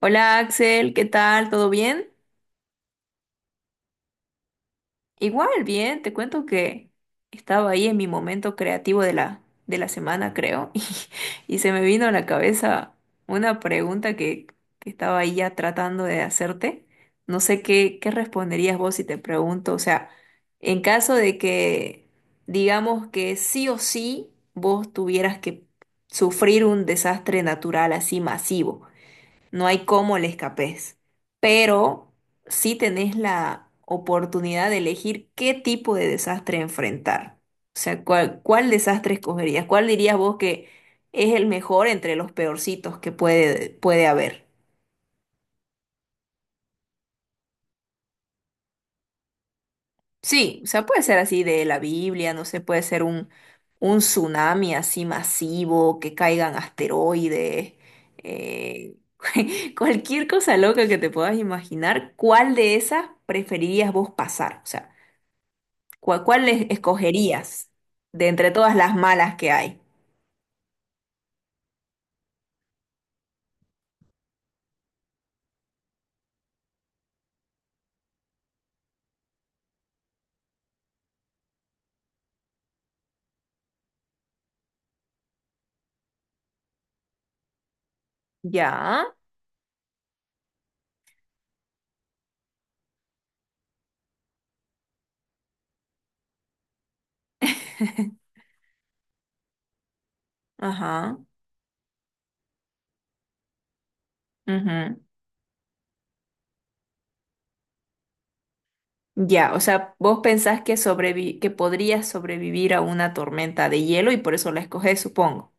Hola Axel, ¿qué tal? ¿Todo bien? Igual, bien, te cuento que estaba ahí en mi momento creativo de la semana, creo, y se me vino a la cabeza una pregunta que estaba ahí ya tratando de hacerte. No sé qué responderías vos si te pregunto, o sea, en caso de que digamos que sí o sí vos tuvieras que sufrir un desastre natural así masivo. No hay cómo le escapes, pero sí tenés la oportunidad de elegir qué tipo de desastre enfrentar. O sea, cuál desastre escogerías, cuál dirías vos que es el mejor entre los peorcitos que puede haber. Sí, o sea, puede ser así de la Biblia, no sé, puede ser un tsunami así masivo, que caigan asteroides, eh, cualquier cosa loca que te puedas imaginar, ¿cuál de esas preferirías vos pasar? O sea, ¿cuál, escogerías de entre todas las malas que hay? Ya. Ajá. Ujú. Ya, o sea, vos pensás que que podrías sobrevivir a una tormenta de hielo y por eso la escogés, supongo.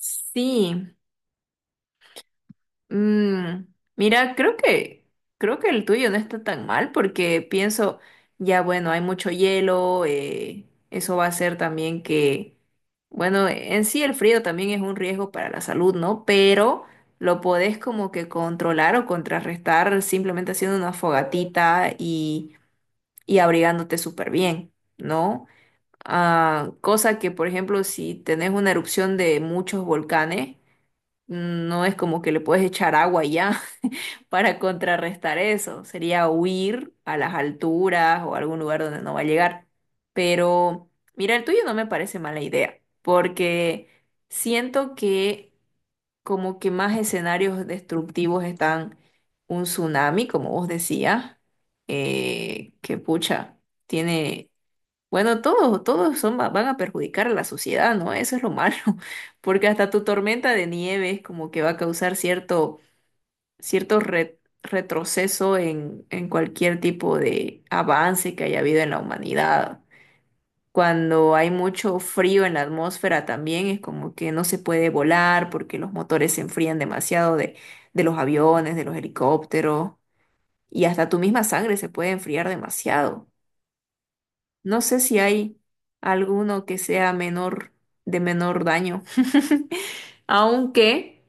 Sí, mm, mira, creo que el tuyo no está tan mal porque pienso, ya bueno, hay mucho hielo, eso va a hacer también que, bueno, en sí el frío también es un riesgo para la salud, ¿no? Pero lo podés como que controlar o contrarrestar simplemente haciendo una fogatita y abrigándote súper bien, ¿no? Ah, cosa que, por ejemplo, si tenés una erupción de muchos volcanes, no es como que le puedes echar agua y ya para contrarrestar eso. Sería huir a las alturas o a algún lugar donde no va a llegar. Pero mira, el tuyo no me parece mala idea, porque siento que como que más escenarios destructivos están un tsunami, como vos decías, que pucha, tiene bueno, todos, todos son, van a perjudicar a la sociedad, ¿no? Eso es lo malo, porque hasta tu tormenta de nieve es como que va a causar cierto retroceso en cualquier tipo de avance que haya habido en la humanidad. Cuando hay mucho frío en la atmósfera también es como que no se puede volar porque los motores se enfrían demasiado de los aviones, de los helicópteros, y hasta tu misma sangre se puede enfriar demasiado. No sé si hay alguno que sea menor, de menor daño. Aunque,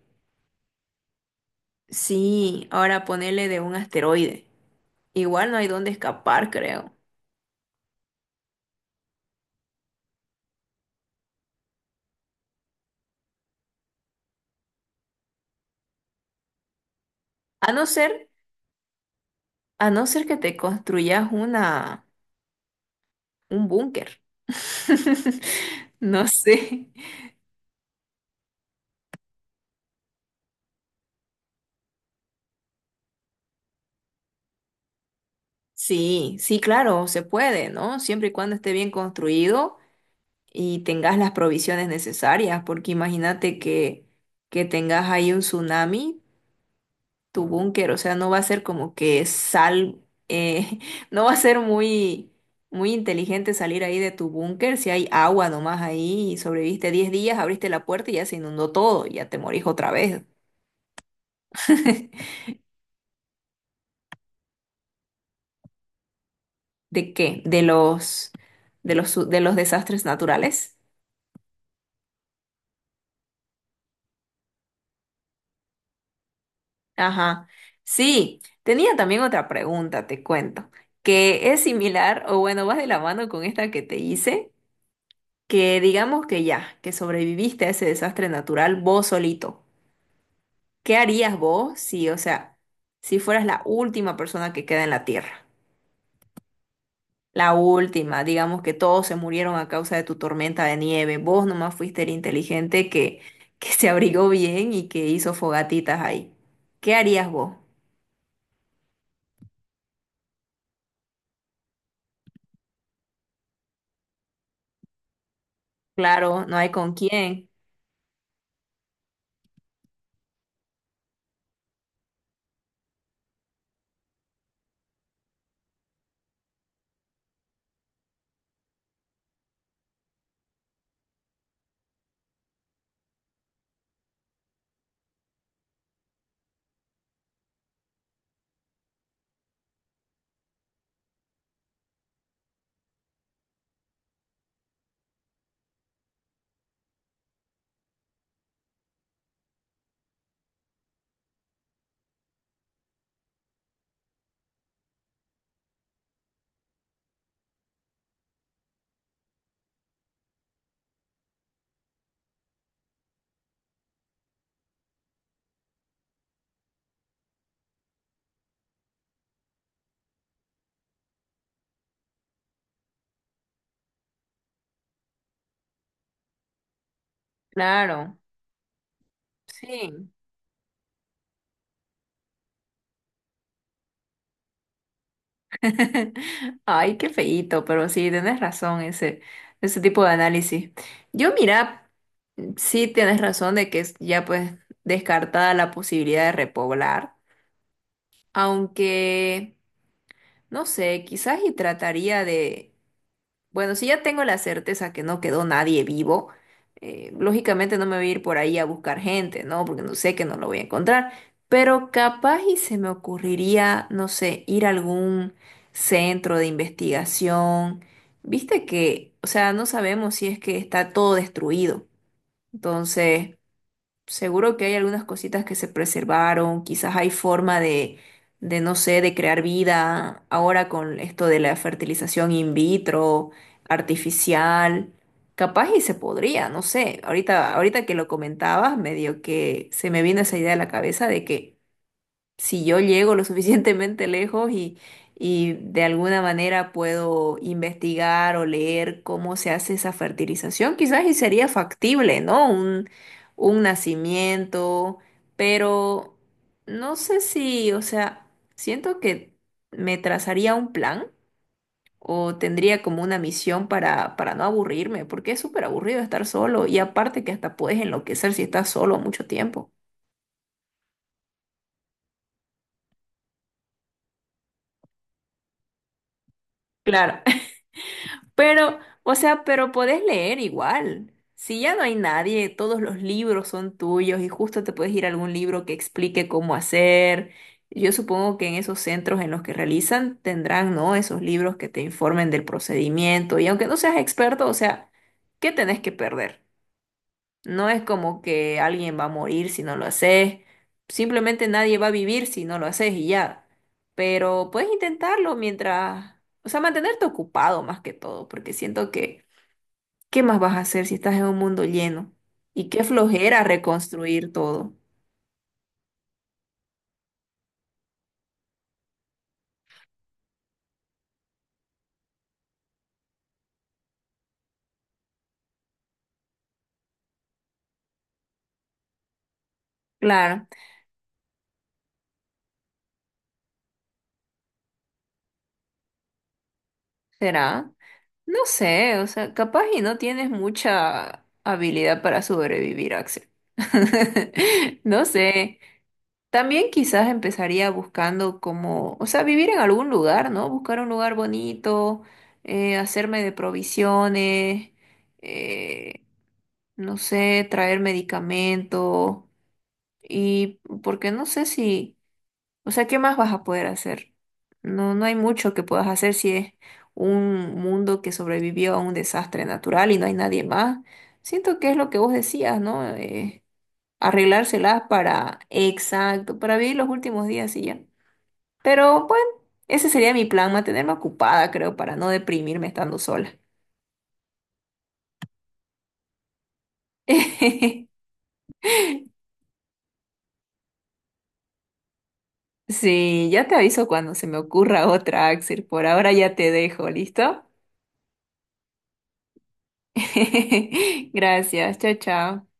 sí, ahora ponele de un asteroide. Igual no hay dónde escapar, creo. A no ser, a no ser que te construyas un búnker. No sé. Sí, sí, claro, se puede, ¿no? Siempre y cuando esté bien construido y tengas las provisiones necesarias, porque imagínate que tengas ahí un tsunami. Tu búnker, o sea, no va a ser como que sal, eh, no va a ser muy inteligente salir ahí de tu búnker si hay agua nomás ahí y sobreviviste 10 días, abriste la puerta y ya se inundó todo, ya te morís otra vez. ¿De qué? De los, de los desastres naturales. Ajá. Sí, tenía también otra pregunta, te cuento, que es similar, o bueno, vas de la mano con esta que te hice que digamos que ya, que sobreviviste a ese desastre natural vos solito. ¿Qué harías vos si, o sea, si fueras la última persona que queda en la Tierra? La última, digamos que todos se murieron a causa de tu tormenta de nieve, vos nomás fuiste el inteligente que se abrigó bien y que hizo fogatitas ahí. ¿Qué harías vos? Claro, no hay con quién. Claro, sí. Ay, qué feíto, pero sí, tienes razón ese, ese tipo de análisis. Yo mira, sí tienes razón de que es ya pues descartada la posibilidad de repoblar, aunque, no sé, quizás y trataría de bueno, si ya tengo la certeza que no quedó nadie vivo, lógicamente no me voy a ir por ahí a buscar gente, ¿no? Porque no sé que no lo voy a encontrar. Pero capaz y se me ocurriría, no sé, ir a algún centro de investigación. Viste que, o sea, no sabemos si es que está todo destruido. Entonces, seguro que hay algunas cositas que se preservaron, quizás hay forma de, no sé, de crear vida ahora con esto de la fertilización in vitro, artificial, capaz y se podría, no sé, ahorita que lo comentabas, medio que se me vino esa idea a la cabeza de que si yo llego lo suficientemente lejos y de alguna manera puedo investigar o leer cómo se hace esa fertilización, quizás y sería factible, ¿no? Un nacimiento, pero no sé si, o sea, siento que me trazaría un plan. O tendría como una misión para no aburrirme, porque es súper aburrido estar solo y aparte que hasta puedes enloquecer si estás solo mucho tiempo. Claro, pero, o sea, pero podés leer igual. Si ya no hay nadie, todos los libros son tuyos y justo te puedes ir a algún libro que explique cómo hacer. Yo supongo que en esos centros en los que realizan tendrán, ¿no? Esos libros que te informen del procedimiento. Y aunque no seas experto, o sea, ¿qué tenés que perder? No es como que alguien va a morir si no lo haces. Simplemente nadie va a vivir si no lo haces y ya. Pero puedes intentarlo mientras, o sea, mantenerte ocupado más que todo, porque siento que, ¿qué más vas a hacer si estás en un mundo lleno? Y qué flojera reconstruir todo. Claro, será. No sé, o sea, capaz y no tienes mucha habilidad para sobrevivir, Axel. No sé. También quizás empezaría buscando como, o sea, vivir en algún lugar, ¿no? Buscar un lugar bonito, hacerme de provisiones, eh, no sé, traer medicamento y porque no sé si, o sea, ¿qué más vas a poder hacer? No, no hay mucho que puedas hacer si es un mundo que sobrevivió a un desastre natural y no hay nadie más. Siento que es lo que vos decías, ¿no? Arreglárselas para, exacto, para vivir los últimos días y ya. Pero bueno, ese sería mi plan, mantenerme ocupada, creo, para no deprimirme estando sola. Sí, ya te aviso cuando se me ocurra otra, Axel. Por ahora ya te dejo, ¿listo? Gracias, chao, chao.